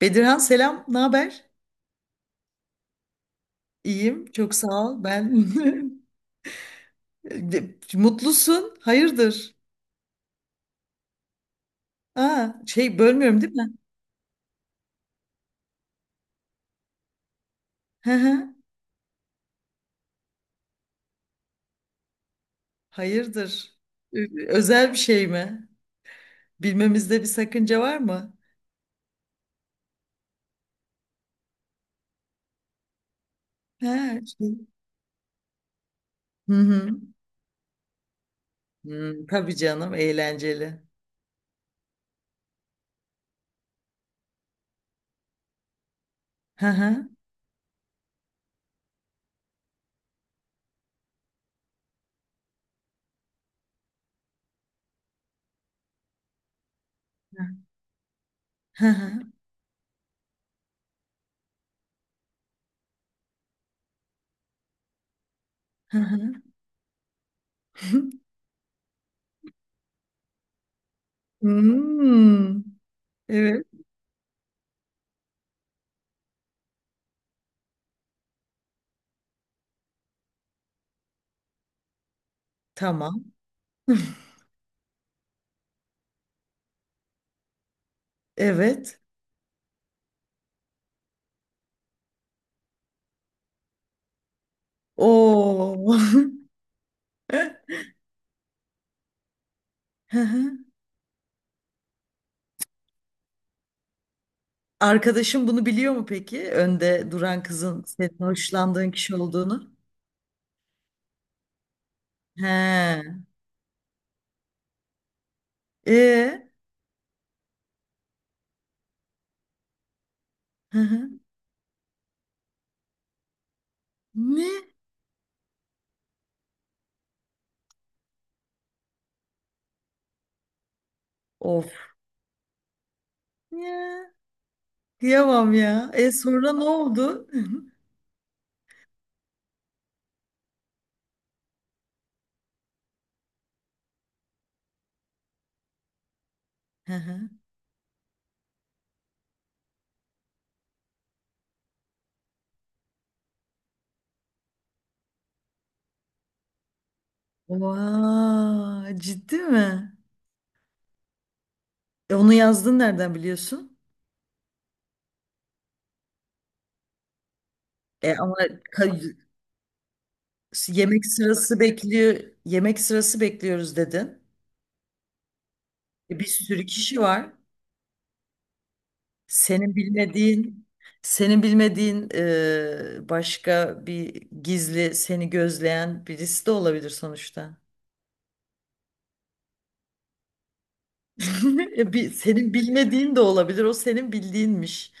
Bedirhan selam, ne haber? İyiyim, çok sağ ol. Ben mutlusun, hayırdır? Aa, şey bölmüyorum değil mi? Hı hı. Hayırdır? Özel bir şey mi? Bilmemizde bir sakınca var mı? Ha, şey. Hı hı. Hı, tabii canım, eğlenceli. Hı hı. Hı hı. Hı hı. Hmm. Evet, tamam. Evet. Oo. Hı hı. Arkadaşım bunu biliyor mu peki? Önde duran kızın senin hoşlandığın kişi olduğunu. He. E. Hı hı. Ne? Of. Ya. Kıyamam ya. E sonra ne oldu? Hı hı. Vay, ciddi mi? E onu yazdın nereden biliyorsun? E ama ka- yemek sırası bekliyor. Yemek sırası bekliyoruz dedin. E, bir sürü kişi var. Senin bilmediğin, senin bilmediğin başka bir gizli seni gözleyen birisi de olabilir sonuçta. E, bir, senin bilmediğin de olabilir. O senin bildiğinmiş.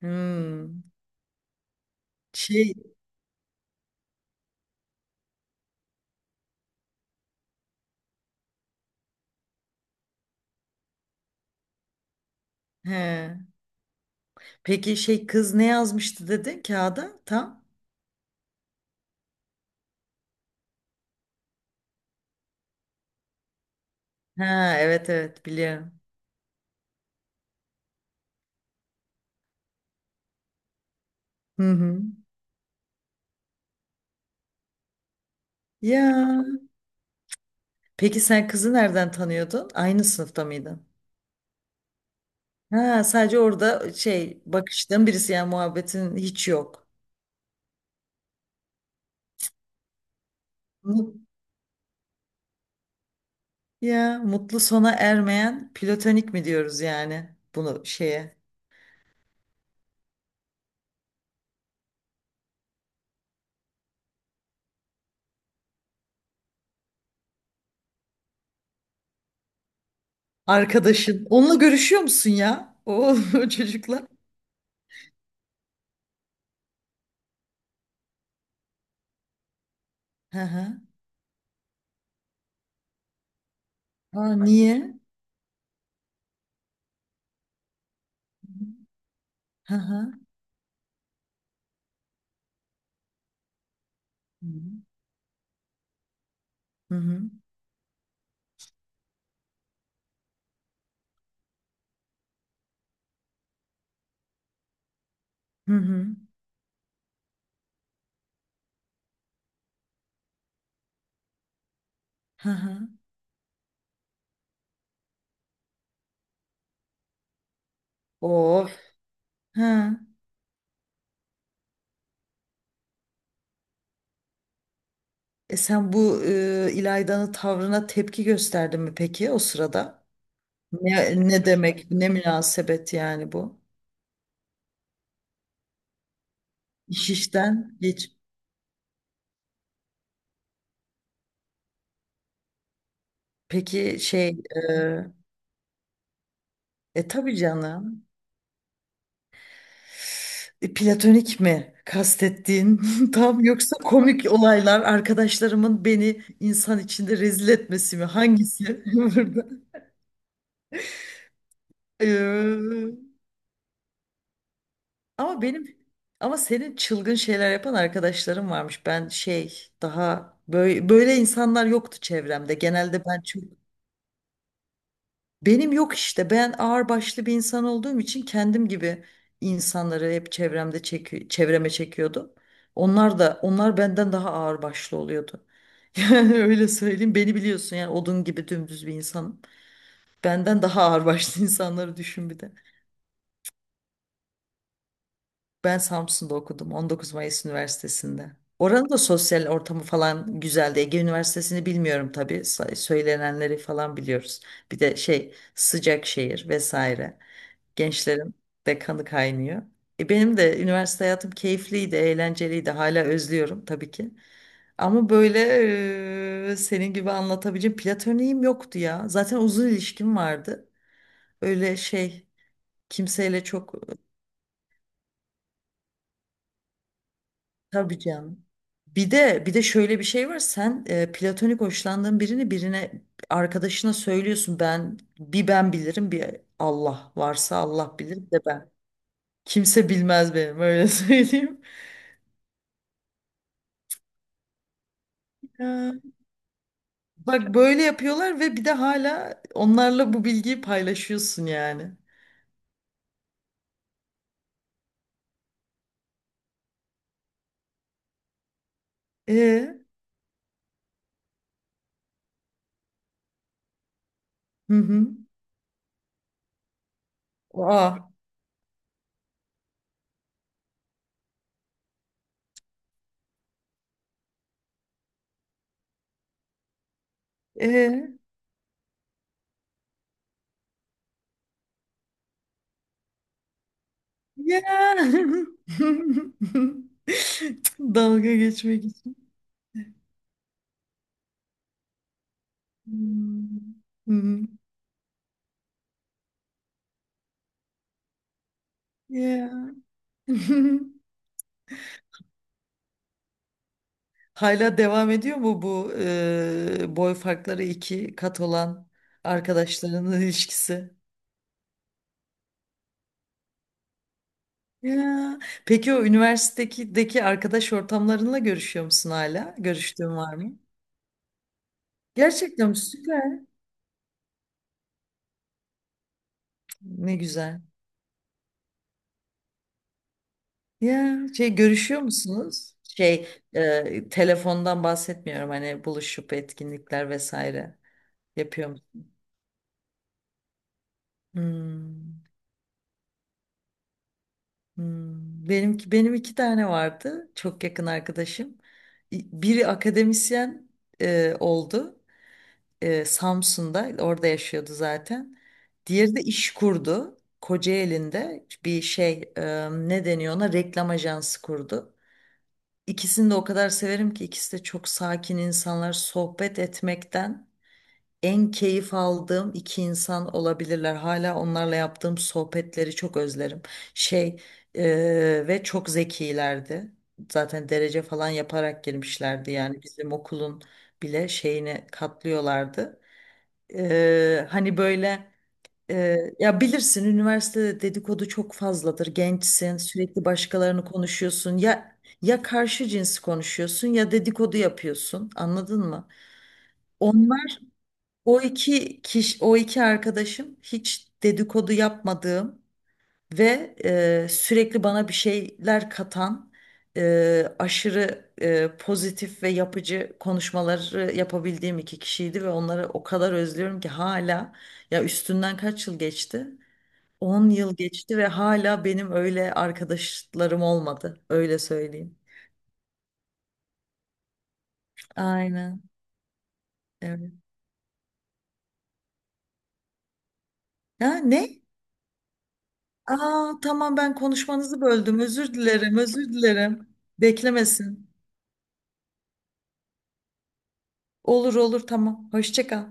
Hmm. Şey, he. Peki şey kız ne yazmıştı dedin kağıda? Tam. Ha, evet evet biliyorum. Hı hı. Ya. Peki sen kızı nereden tanıyordun? Aynı sınıfta mıydın? Ha, sadece orada şey bakıştığın birisi yani muhabbetin hiç yok. Ya mutlu sona ermeyen platonik mi diyoruz yani bunu şeye? Arkadaşın. Onunla görüşüyor musun ya? O, o çocukla. Hı hı. Aa, niye? Hı hı. Hı hı. Hı hı. Hı hı. Of. Ha. E sen bu İlayda'nın tavrına tepki gösterdin mi peki o sırada? Ne, ne demek, ne münasebet yani bu? İş işten geç. Peki şey, e, e tabii canım. E, platonik mi kastettiğin tam yoksa komik olaylar arkadaşlarımın beni insan içinde rezil etmesi mi hangisi burada? Ee, ama benim ama senin çılgın şeyler yapan arkadaşlarım varmış. Ben şey daha böyle böyle insanlar yoktu çevremde. Genelde ben çok Benim yok işte. Ben ağırbaşlı bir insan olduğum için kendim gibi insanları hep çevremde çevreme çekiyordum. Onlar benden daha ağırbaşlı oluyordu. Yani öyle söyleyeyim. Beni biliyorsun yani odun gibi dümdüz bir insanım. Benden daha ağırbaşlı insanları düşün bir de. Ben Samsun'da okudum 19 Mayıs Üniversitesi'nde. Oranın da sosyal ortamı falan güzeldi. Ege Üniversitesi'ni bilmiyorum tabii. Söylenenleri falan biliyoruz. Bir de şey sıcak şehir vesaire. Gençlerin de kanı kaynıyor. E benim de üniversite hayatım keyifliydi, eğlenceliydi. Hala özlüyorum tabii ki. Ama böyle senin gibi anlatabileceğim platoniğim yoktu ya. Zaten uzun ilişkim vardı. Öyle şey kimseyle çok tabii canım. Bir de şöyle bir şey var. Sen platonik hoşlandığın birine arkadaşına söylüyorsun. Bir ben bilirim bir Allah varsa Allah bilir de ben. Kimse bilmez benim öyle söyleyeyim. Bak böyle yapıyorlar ve bir de hala onlarla bu bilgiyi paylaşıyorsun yani. E, hı hı. Aa, e, ya. Dalga geçmek için. Hmm, hı hı. Ya. Hala devam ediyor mu bu boy farkları iki kat olan arkadaşlarının ilişkisi? Ya. Peki o üniversitedeki arkadaş ortamlarınla görüşüyor musun hala? Görüştüğün var mı? Gerçekten süper. Ne güzel. Ya şey görüşüyor musunuz? Şey telefondan bahsetmiyorum hani buluşup etkinlikler vesaire yapıyor musunuz? Hmm, hmm. Benim iki tane vardı çok yakın arkadaşım. Biri akademisyen oldu Samsun'da orada yaşıyordu zaten. Diğeri de iş kurdu. Kocaeli'nde bir şey ne deniyor ona reklam ajansı kurdu. İkisini de o kadar severim ki ikisi de çok sakin insanlar. Sohbet etmekten en keyif aldığım iki insan olabilirler. Hala onlarla yaptığım sohbetleri çok özlerim. Şey ve çok zekilerdi. Zaten derece falan yaparak girmişlerdi. Yani bizim okulun bile şeyine katlıyorlardı. Hani böyle. Ya bilirsin üniversitede dedikodu çok fazladır. Gençsin, sürekli başkalarını konuşuyorsun. Ya ya karşı cinsi konuşuyorsun ya dedikodu yapıyorsun. Anladın mı? Onlar o iki kişi, o iki arkadaşım hiç dedikodu yapmadığım ve sürekli bana bir şeyler katan aşırı pozitif ve yapıcı konuşmaları yapabildiğim iki kişiydi ve onları o kadar özlüyorum ki hala ya üstünden kaç yıl geçti? 10 yıl geçti ve hala benim öyle arkadaşlarım olmadı. Öyle söyleyeyim. Aynen. Evet. Ha, ne? Aa, tamam ben konuşmanızı böldüm. Özür dilerim, özür dilerim. Beklemesin. Olur olur tamam. Hoşça kal.